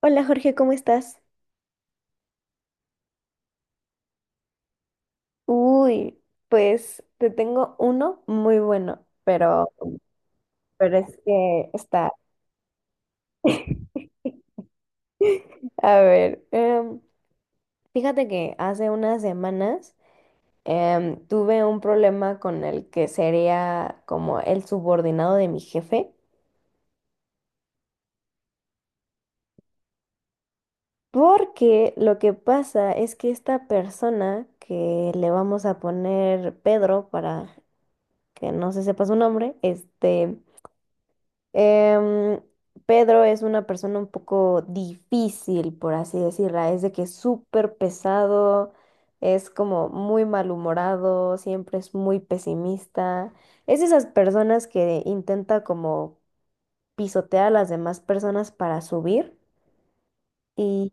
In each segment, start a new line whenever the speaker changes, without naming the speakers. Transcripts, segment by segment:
Hola Jorge, ¿cómo estás? Uy, pues te tengo uno muy bueno, pero es que está. A ver, fíjate que hace unas semanas tuve un problema con el que sería como el subordinado de mi jefe, porque lo que pasa es que esta persona que le vamos a poner Pedro para que no se sepa su nombre, Em, Pedro es una persona un poco difícil, por así decirla. Es de que es súper pesado, es como muy malhumorado, siempre es muy pesimista. Es de esas personas que intenta como pisotear a las demás personas para subir. Y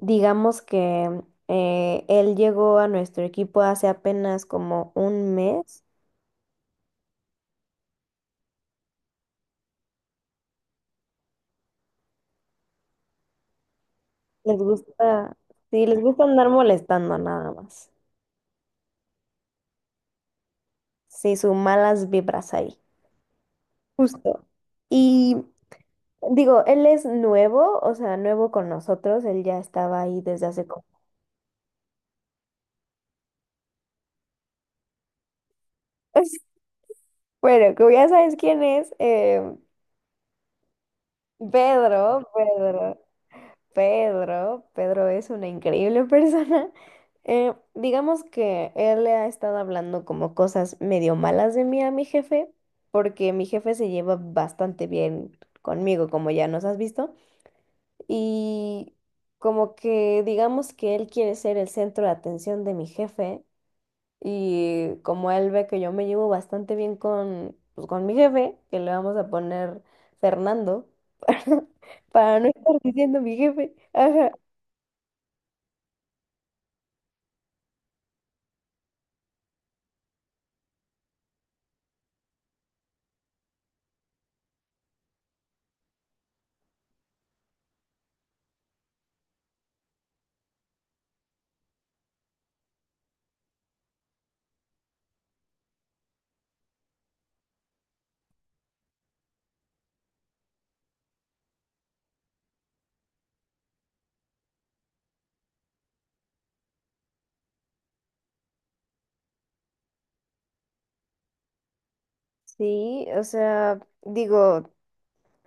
digamos que él llegó a nuestro equipo hace apenas como un mes. Les gusta, sí, les gusta andar molestando nada más. Sí, sus malas vibras ahí, justo. Y digo, él es nuevo, o sea, nuevo con nosotros, él ya estaba ahí desde hace como... Bueno, como ya sabes quién es, Pedro, Pedro, Pedro, Pedro es una increíble persona. Digamos que él le ha estado hablando como cosas medio malas de mí a mi jefe, porque mi jefe se lleva bastante bien conmigo, como ya nos has visto. Y como que digamos que él quiere ser el centro de atención de mi jefe y como él ve que yo me llevo bastante bien con, pues, con mi jefe, que le vamos a poner Fernando para no estar diciendo mi jefe. Ajá. Sí, o sea, digo,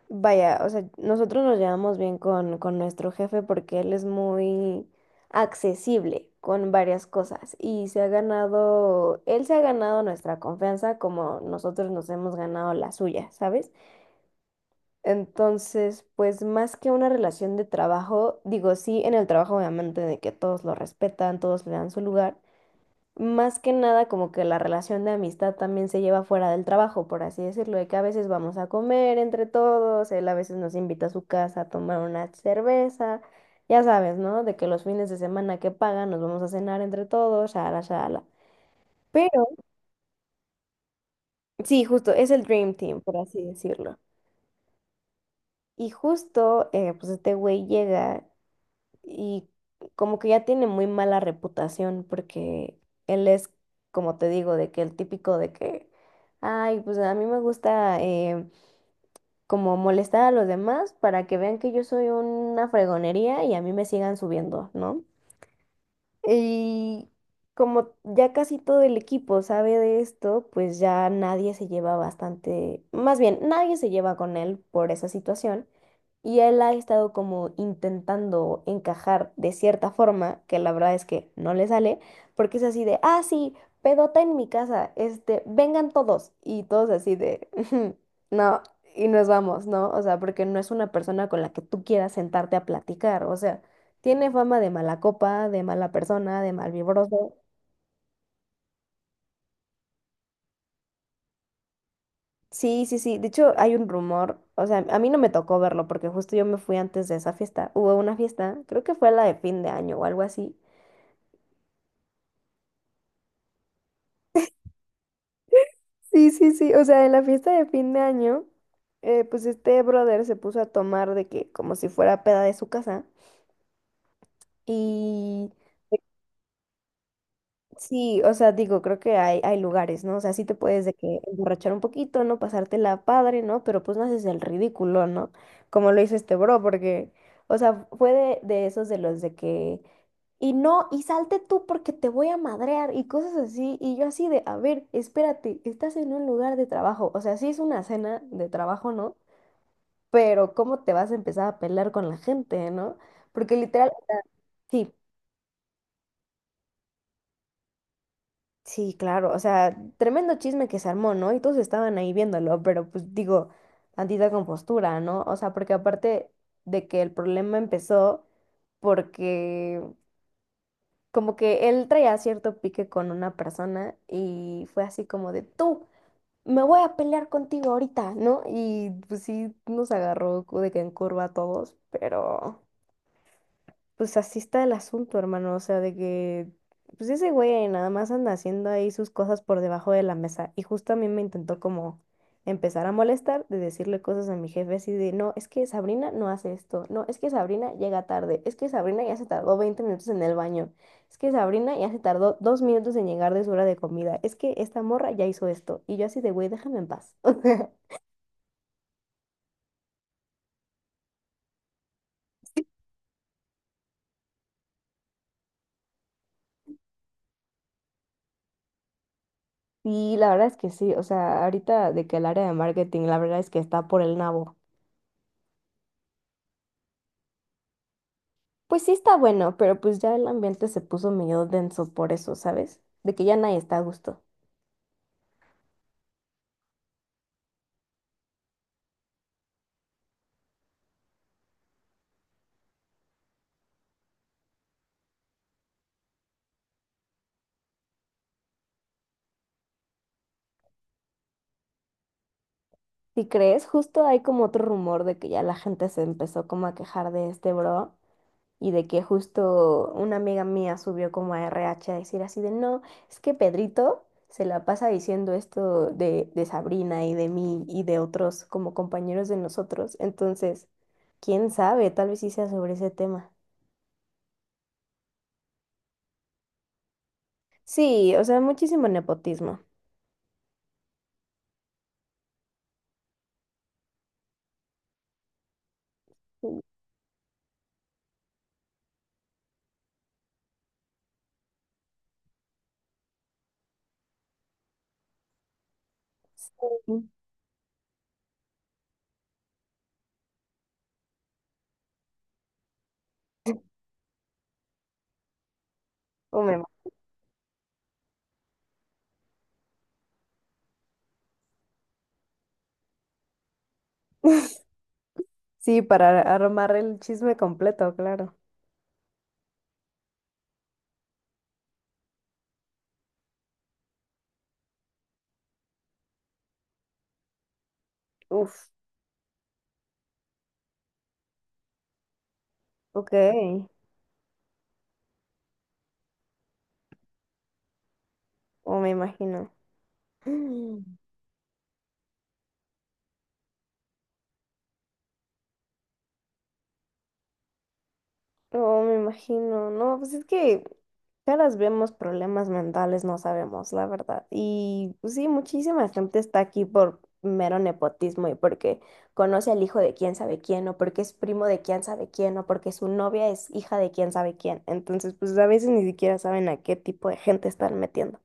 vaya, o sea, nosotros nos llevamos bien con nuestro jefe porque él es muy accesible con varias cosas y se ha ganado, él se ha ganado nuestra confianza como nosotros nos hemos ganado la suya, ¿sabes? Entonces, pues más que una relación de trabajo, digo, sí, en el trabajo obviamente de que todos lo respetan, todos le dan su lugar, más que nada, como que la relación de amistad también se lleva fuera del trabajo, por así decirlo, de que a veces vamos a comer entre todos, él a veces nos invita a su casa a tomar una cerveza, ya sabes, ¿no? De que los fines de semana que pagan nos vamos a cenar entre todos, shala, shala. Pero, sí, justo, es el Dream Team, por así decirlo. Y justo, pues este güey llega y como que ya tiene muy mala reputación porque él es, como te digo, de que el típico de que, ay, pues a mí me gusta como molestar a los demás para que vean que yo soy una fregonería y a mí me sigan subiendo, ¿no? Y como ya casi todo el equipo sabe de esto, pues ya nadie se lleva bastante, más bien, nadie se lleva con él por esa situación. Y él ha estado como intentando encajar de cierta forma, que la verdad es que no le sale, porque es así de, ah, sí, pedota en mi casa, este, vengan todos. Y todos así de, no, y nos vamos, ¿no? O sea, porque no es una persona con la que tú quieras sentarte a platicar, o sea, tiene fama de mala copa, de mala persona, de malvibroso. Sí, sí, sí. De hecho, hay un rumor, o sea, a mí no me tocó verlo porque justo yo me fui antes de esa fiesta. Hubo una fiesta, creo que fue la de fin de año o algo así. Sí, sí, sí. O sea, en la fiesta de fin de año, pues este brother se puso a tomar de que como si fuera peda de su casa. Y sí, o sea, digo, creo que hay lugares, ¿no? O sea, sí te puedes de que emborrachar un poquito, ¿no? Pasártela padre, ¿no? Pero pues no haces el ridículo, ¿no? Como lo hizo este bro, porque, o sea, fue de esos de los de que, y no, y salte tú porque te voy a madrear y cosas así. Y yo así de, a ver, espérate, estás en un lugar de trabajo. O sea, sí es una cena de trabajo, ¿no? Pero ¿cómo te vas a empezar a pelear con la gente, no? Porque literal, o sea, sí, sí, claro, o sea, tremendo chisme que se armó, ¿no? Y todos estaban ahí viéndolo, pero pues digo, tantita compostura, ¿no? O sea, porque aparte de que el problema empezó porque como que él traía cierto pique con una persona y fue así como de tú. Me voy a pelear contigo ahorita, ¿no? Y pues sí, nos agarró de que en curva a todos, pero pues así está el asunto, hermano, o sea, de que, pues ese güey nada más anda haciendo ahí sus cosas por debajo de la mesa y justo a mí me intentó como empezar a molestar de decirle cosas a mi jefe así de, no, es que Sabrina no hace esto, no, es que Sabrina llega tarde, es que Sabrina ya se tardó 20 minutos en el baño, es que Sabrina ya se tardó 2 minutos en llegar de su hora de comida, es que esta morra ya hizo esto y yo así de, güey, déjame en paz. Y la verdad es que sí, o sea, ahorita de que el área de marketing, la verdad es que está por el nabo. Pues sí está bueno, pero pues ya el ambiente se puso medio denso por eso, ¿sabes? De que ya nadie está a gusto. Si crees, justo hay como otro rumor de que ya la gente se empezó como a quejar de este bro y de que justo una amiga mía subió como a RH a decir así de no, es que Pedrito se la pasa diciendo esto de Sabrina y de mí y de otros como compañeros de nosotros. Entonces, quién sabe, tal vez sí sea sobre ese tema. Sí, o sea, muchísimo nepotismo. Sí. O me sí, para armar el chisme completo, claro. Uf, ok. Oh, me imagino. Mm, oh, me imagino. No, pues es que caras vemos problemas mentales, no sabemos, la verdad. Y pues sí, muchísima gente está aquí por mero nepotismo y porque conoce al hijo de quién sabe quién, o porque es primo de quién sabe quién, o porque su novia es hija de quién sabe quién. Entonces, pues a veces ni siquiera saben a qué tipo de gente están metiendo.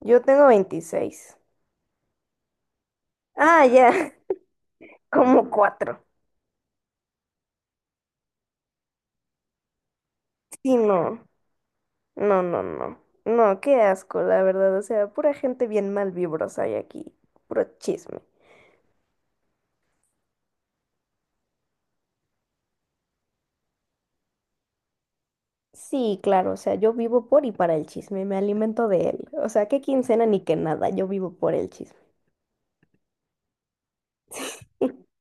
Yo tengo 26. Ah, ya. Como cuatro. Sí, no. No, no, no. No, qué asco, la verdad. O sea, pura gente bien mal vibrosa hay aquí. Puro chisme. Sí, claro, o sea, yo vivo por y para el chisme, me alimento de él. O sea, qué quincena ni que nada, yo vivo por el chisme.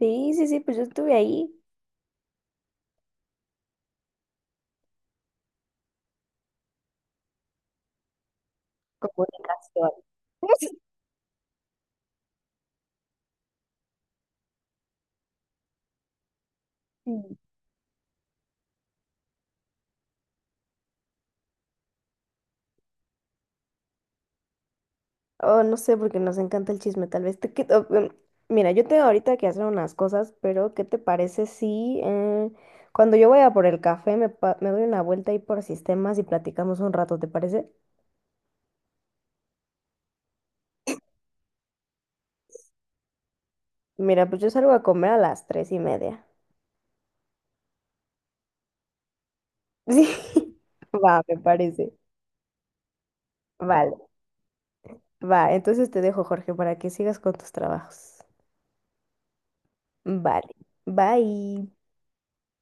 Sí, sí, sí, pues yo estuve ahí. Comunicación. Oh, no sé, porque nos encanta el chisme, tal vez. Te, que- oh, mira, yo tengo ahorita que hacer unas cosas, pero ¿qué te parece si cuando yo vaya por el café me, pa- me doy una vuelta ahí por sistemas y platicamos un rato, ¿te parece? Mira, pues yo salgo a comer a las 3:30. Sí, va, me parece. Vale, va. Entonces te dejo, Jorge, para que sigas con tus trabajos. Vale, bye.